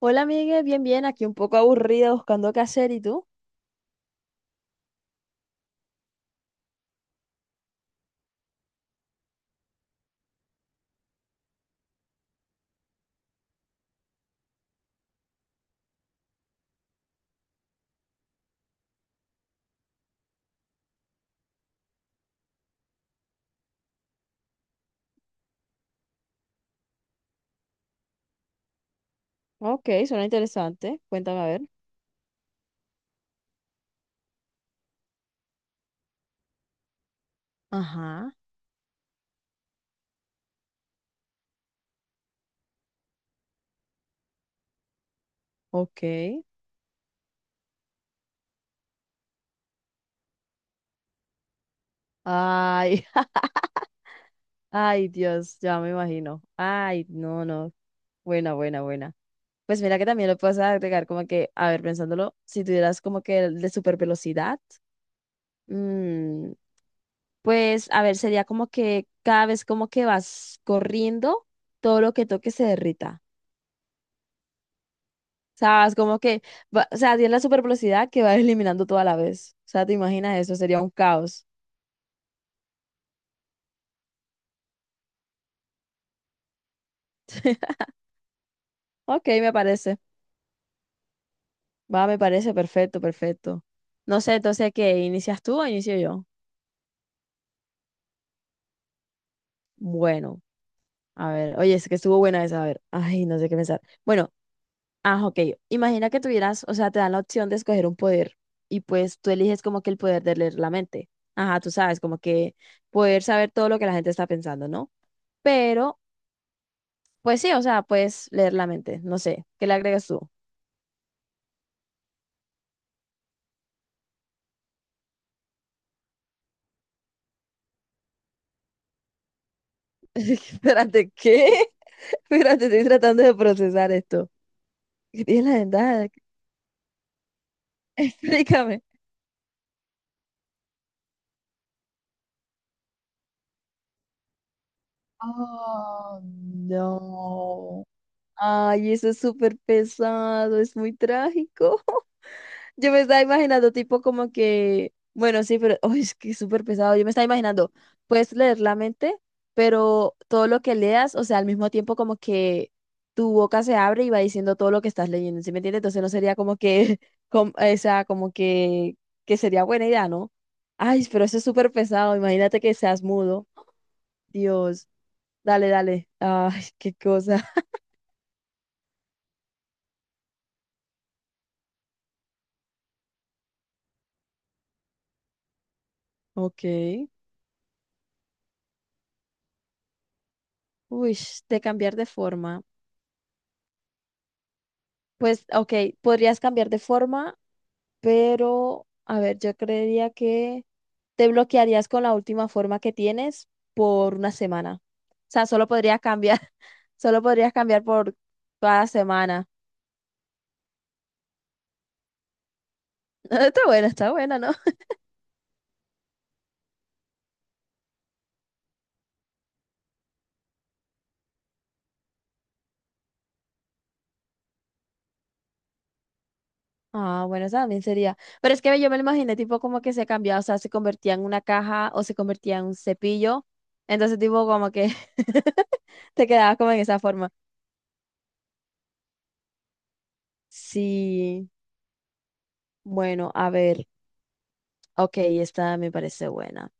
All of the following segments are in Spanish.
Hola, Miguel, bien, bien, aquí un poco aburrida buscando qué hacer, ¿y tú? Ok, suena interesante, cuéntame a ver. Ajá, ok. Ay, ay, Dios, ya me imagino. Ay, no, no, buena, buena, buena. Pues mira que también lo puedes agregar como que, a ver, pensándolo, si tuvieras como que el de super velocidad, mm, pues a ver, sería como que cada vez como que vas corriendo, todo lo que toques se derrita. ¿Sabes? Como que, o sea, tiene la super velocidad que va eliminando toda la vez. O sea, ¿te imaginas eso? Sería un caos. Ok, me parece. Va, me parece perfecto, perfecto. No sé, entonces, ¿qué? ¿Inicias tú o inicio yo? Bueno, a ver. Oye, es que estuvo buena esa, a ver. Ay, no sé qué pensar. Bueno, ah, ok. Imagina que tuvieras, o sea, te dan la opción de escoger un poder y pues tú eliges como que el poder de leer la mente. Ajá, tú sabes, como que poder saber todo lo que la gente está pensando, ¿no? Pero pues sí, o sea, puedes leer la mente, no sé, ¿qué le agregas tú? Espérate, ¿qué? Espérate, estoy tratando de procesar esto. ¿Qué tiene la ventaja? Explícame. Oh, no. Ay, eso es súper pesado, es muy trágico. Yo me estaba imaginando, tipo, como que, bueno, sí, pero uy, es que es súper pesado. Yo me estaba imaginando, puedes leer la mente, pero todo lo que leas, o sea, al mismo tiempo, como que tu boca se abre y va diciendo todo lo que estás leyendo, ¿sí me entiendes? Entonces no sería como que, o sea, como que sería buena idea, ¿no? Ay, pero eso es súper pesado. Imagínate que seas mudo. Dios, dale, dale. Ay, qué cosa. Ok. Uy, de cambiar de forma. Pues, ok, podrías cambiar de forma pero a ver, yo creería que te bloquearías con la última forma que tienes por una semana. O sea, solo podrías cambiar, solo podrías cambiar por toda la semana. Está buena, ¿no? Ah, bueno, esa también sería. Pero es que yo me lo imaginé tipo como que se cambiaba, o sea, se convertía en una caja o se convertía en un cepillo. Entonces, tipo como que te quedabas como en esa forma. Sí, bueno, a ver. Ok, esta me parece buena.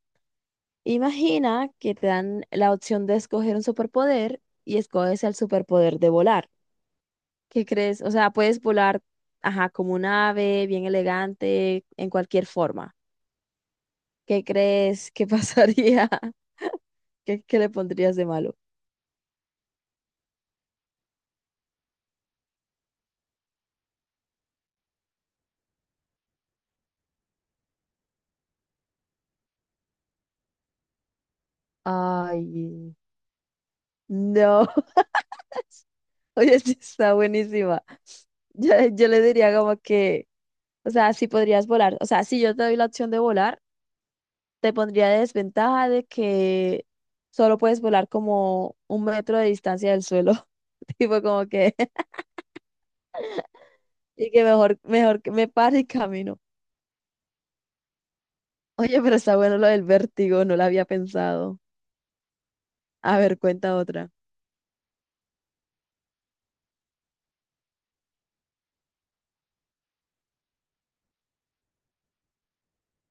Imagina que te dan la opción de escoger un superpoder y escoges el superpoder de volar. ¿Qué crees? O sea, puedes volar, ajá, como un ave, bien elegante, en cualquier forma. ¿Qué crees que pasaría? ¿Qué, qué le pondrías de malo? Ay, no, oye, sí está buenísima. Yo le diría como que, o sea, sí podrías volar. O sea, si yo te doy la opción de volar. Te pondría de desventaja de que solo puedes volar como un metro de distancia del suelo. Tipo como que, y que mejor, mejor que me pare y camino. Oye, pero está bueno lo del vértigo, no lo había pensado. A ver, cuenta otra.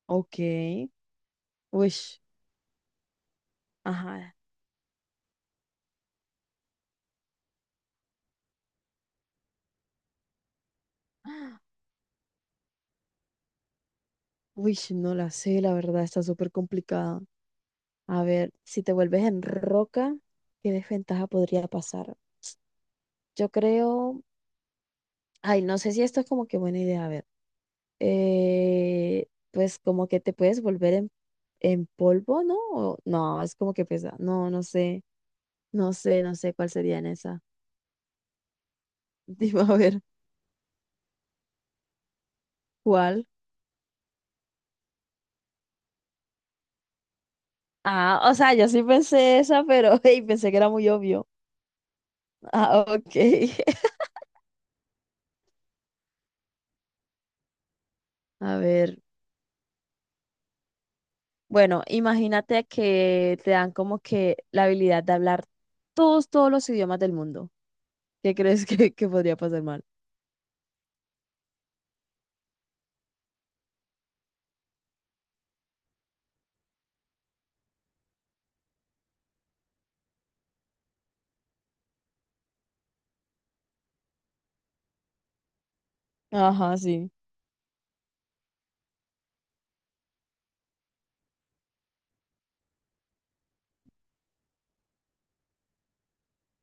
Ok. Uy, ajá. Uy, no la sé, la verdad, está súper complicada. A ver, si te vuelves en roca, ¿qué desventaja podría pasar? Yo creo, ay, no sé si esto es como que buena idea, a ver. Pues como que te puedes volver en polvo, ¿no? O- no, es como que pesa. No, no sé, no sé, no sé cuál sería en esa. Dime a ver, ¿cuál? Ah, o sea, yo sí pensé esa, pero hey, pensé que era muy obvio. Ah, ok. A ver, bueno, imagínate que te dan como que la habilidad de hablar todos, todos los idiomas del mundo. ¿Qué crees que podría pasar mal? Ajá, sí.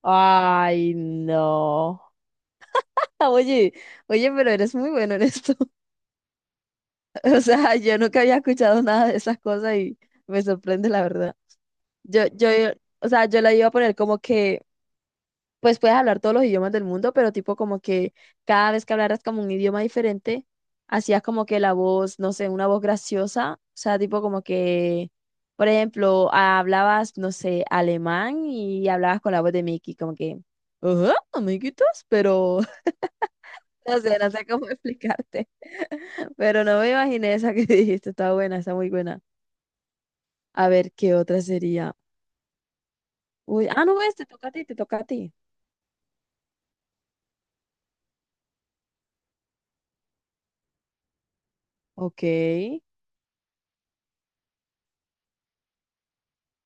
Ay, no. Oye, oye, pero eres muy bueno en esto. O sea, yo nunca había escuchado nada de esas cosas y me sorprende, la verdad. Yo, o sea, yo la iba a poner como que, pues puedes hablar todos los idiomas del mundo, pero tipo como que cada vez que hablaras como un idioma diferente, hacías como que la voz, no sé, una voz graciosa. O sea, tipo como que, por ejemplo, hablabas, no sé, alemán y hablabas con la voz de Mickey, como que, ajá, amiguitos, pero no sé, no sé cómo explicarte. Pero no me imaginé esa que dijiste, está buena, está muy buena. A ver, ¿qué otra sería? Uy, ah, no, este, toca a ti, te toca a ti. Ok.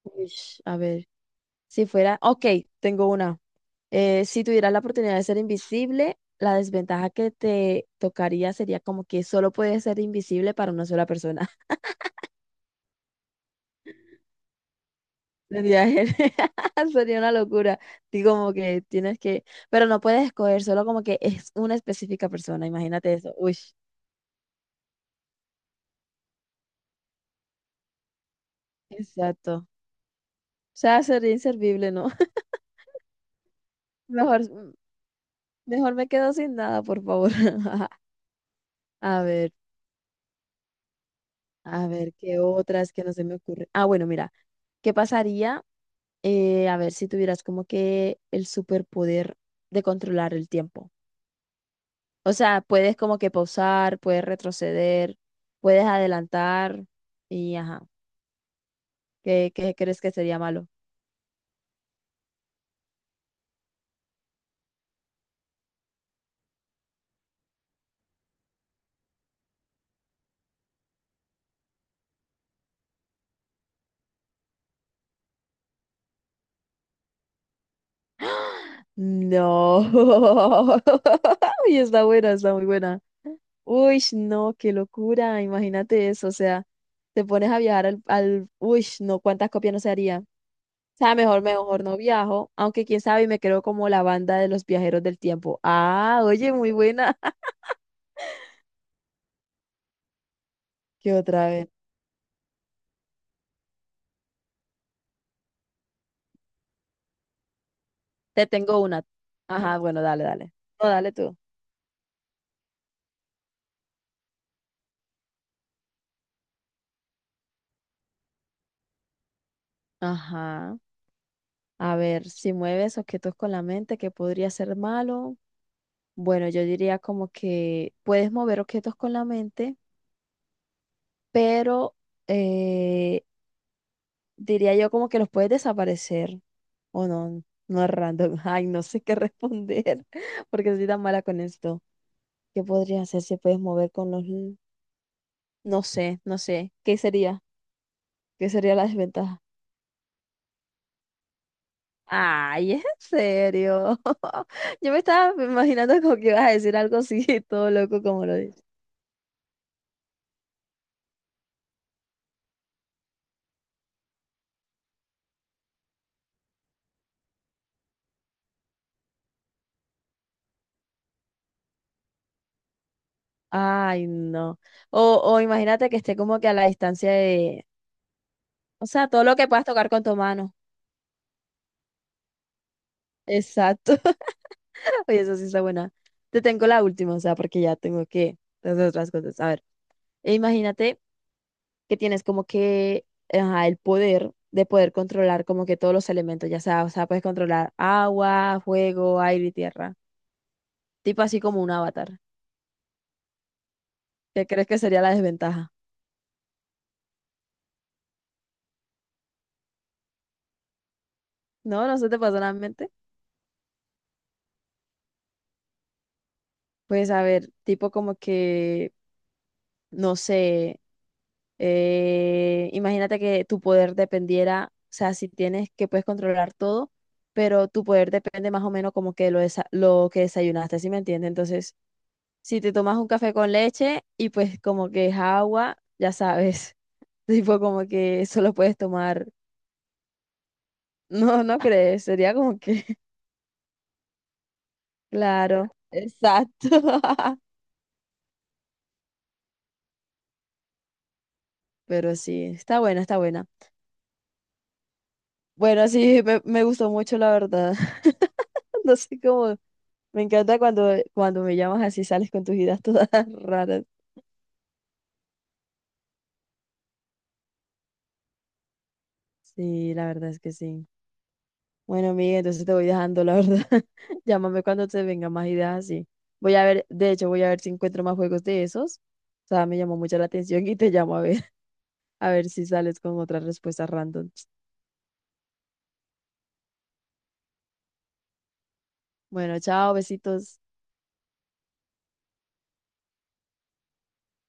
Uish, a ver, si fuera, ok, tengo una. Si tuvieras la oportunidad de ser invisible, la desventaja que te tocaría sería como que solo puedes ser invisible para una sola persona. Sería, sería una locura. Digo, como que tienes que, pero no puedes escoger solo como que es una específica persona, imagínate eso. Uy, exacto. O sea, sería inservible, ¿no? Mejor, mejor me quedo sin nada, por favor. A ver, a ver, ¿qué otras que no se me ocurre? Ah, bueno, mira, ¿qué pasaría? A ver, si tuvieras como que el superpoder de controlar el tiempo. O sea, puedes como que pausar, puedes retroceder, puedes adelantar y ajá. ¿Qué, qué crees que sería malo? No. Y está buena, está muy buena. Uy, no, qué locura, imagínate eso, o sea, te pones a viajar al, al, uy, no, cuántas copias no se haría. O sea, mejor, mejor no viajo, aunque quién sabe, y me creo como la banda de los viajeros del tiempo. Ah, oye, muy buena. ¿Qué otra vez? Te tengo una. Ajá, bueno, dale, dale. No, dale tú. Ajá. A ver, si mueves objetos con la mente, ¿qué podría ser malo? Bueno, yo diría como que puedes mover objetos con la mente, pero eh, diría yo como que los puedes desaparecer o no, no es random. Ay, no sé qué responder porque soy tan mala con esto. ¿Qué podría hacer si puedes mover con los... l- No sé, no sé. ¿Qué sería? ¿Qué sería la desventaja? Ay, ¿en serio? Yo me estaba imaginando como que ibas a decir algo así, todo loco como lo dices. Ay, no. O imagínate que esté como que a la distancia de... O sea, todo lo que puedas tocar con tu mano. Exacto. Oye, eso sí está buena. Te tengo la última, o sea, porque ya tengo que hacer otras cosas. A ver, e imagínate que tienes como que ajá, el poder de poder controlar como que todos los elementos, ya sea, o sea, puedes controlar agua, fuego, aire y tierra. Tipo así como un avatar. ¿Qué crees que sería la desventaja? No, no se te pasó nada en la mente. Pues a ver, tipo como que, no sé. Imagínate que tu poder dependiera, o sea, si tienes que puedes controlar todo, pero tu poder depende más o menos como que lo, lo que desayunaste, ¿sí me entiendes? Entonces, si te tomas un café con leche y pues como que es agua, ya sabes, tipo como que solo puedes tomar, no, no crees, sería como que, claro, exacto, pero sí, está buena, está buena. Bueno, sí, me gustó mucho, la verdad. No sé cómo. Me encanta cuando, cuando me llamas así, sales con tus ideas todas raras. Sí, la verdad es que sí. Bueno, Miguel, entonces te voy dejando, la verdad. Llámame cuando te vengan más ideas así. Voy a ver, de hecho, voy a ver si encuentro más juegos de esos. O sea, me llamó mucho la atención y te llamo a ver, a ver si sales con otras respuestas random. Bueno, chao, besitos.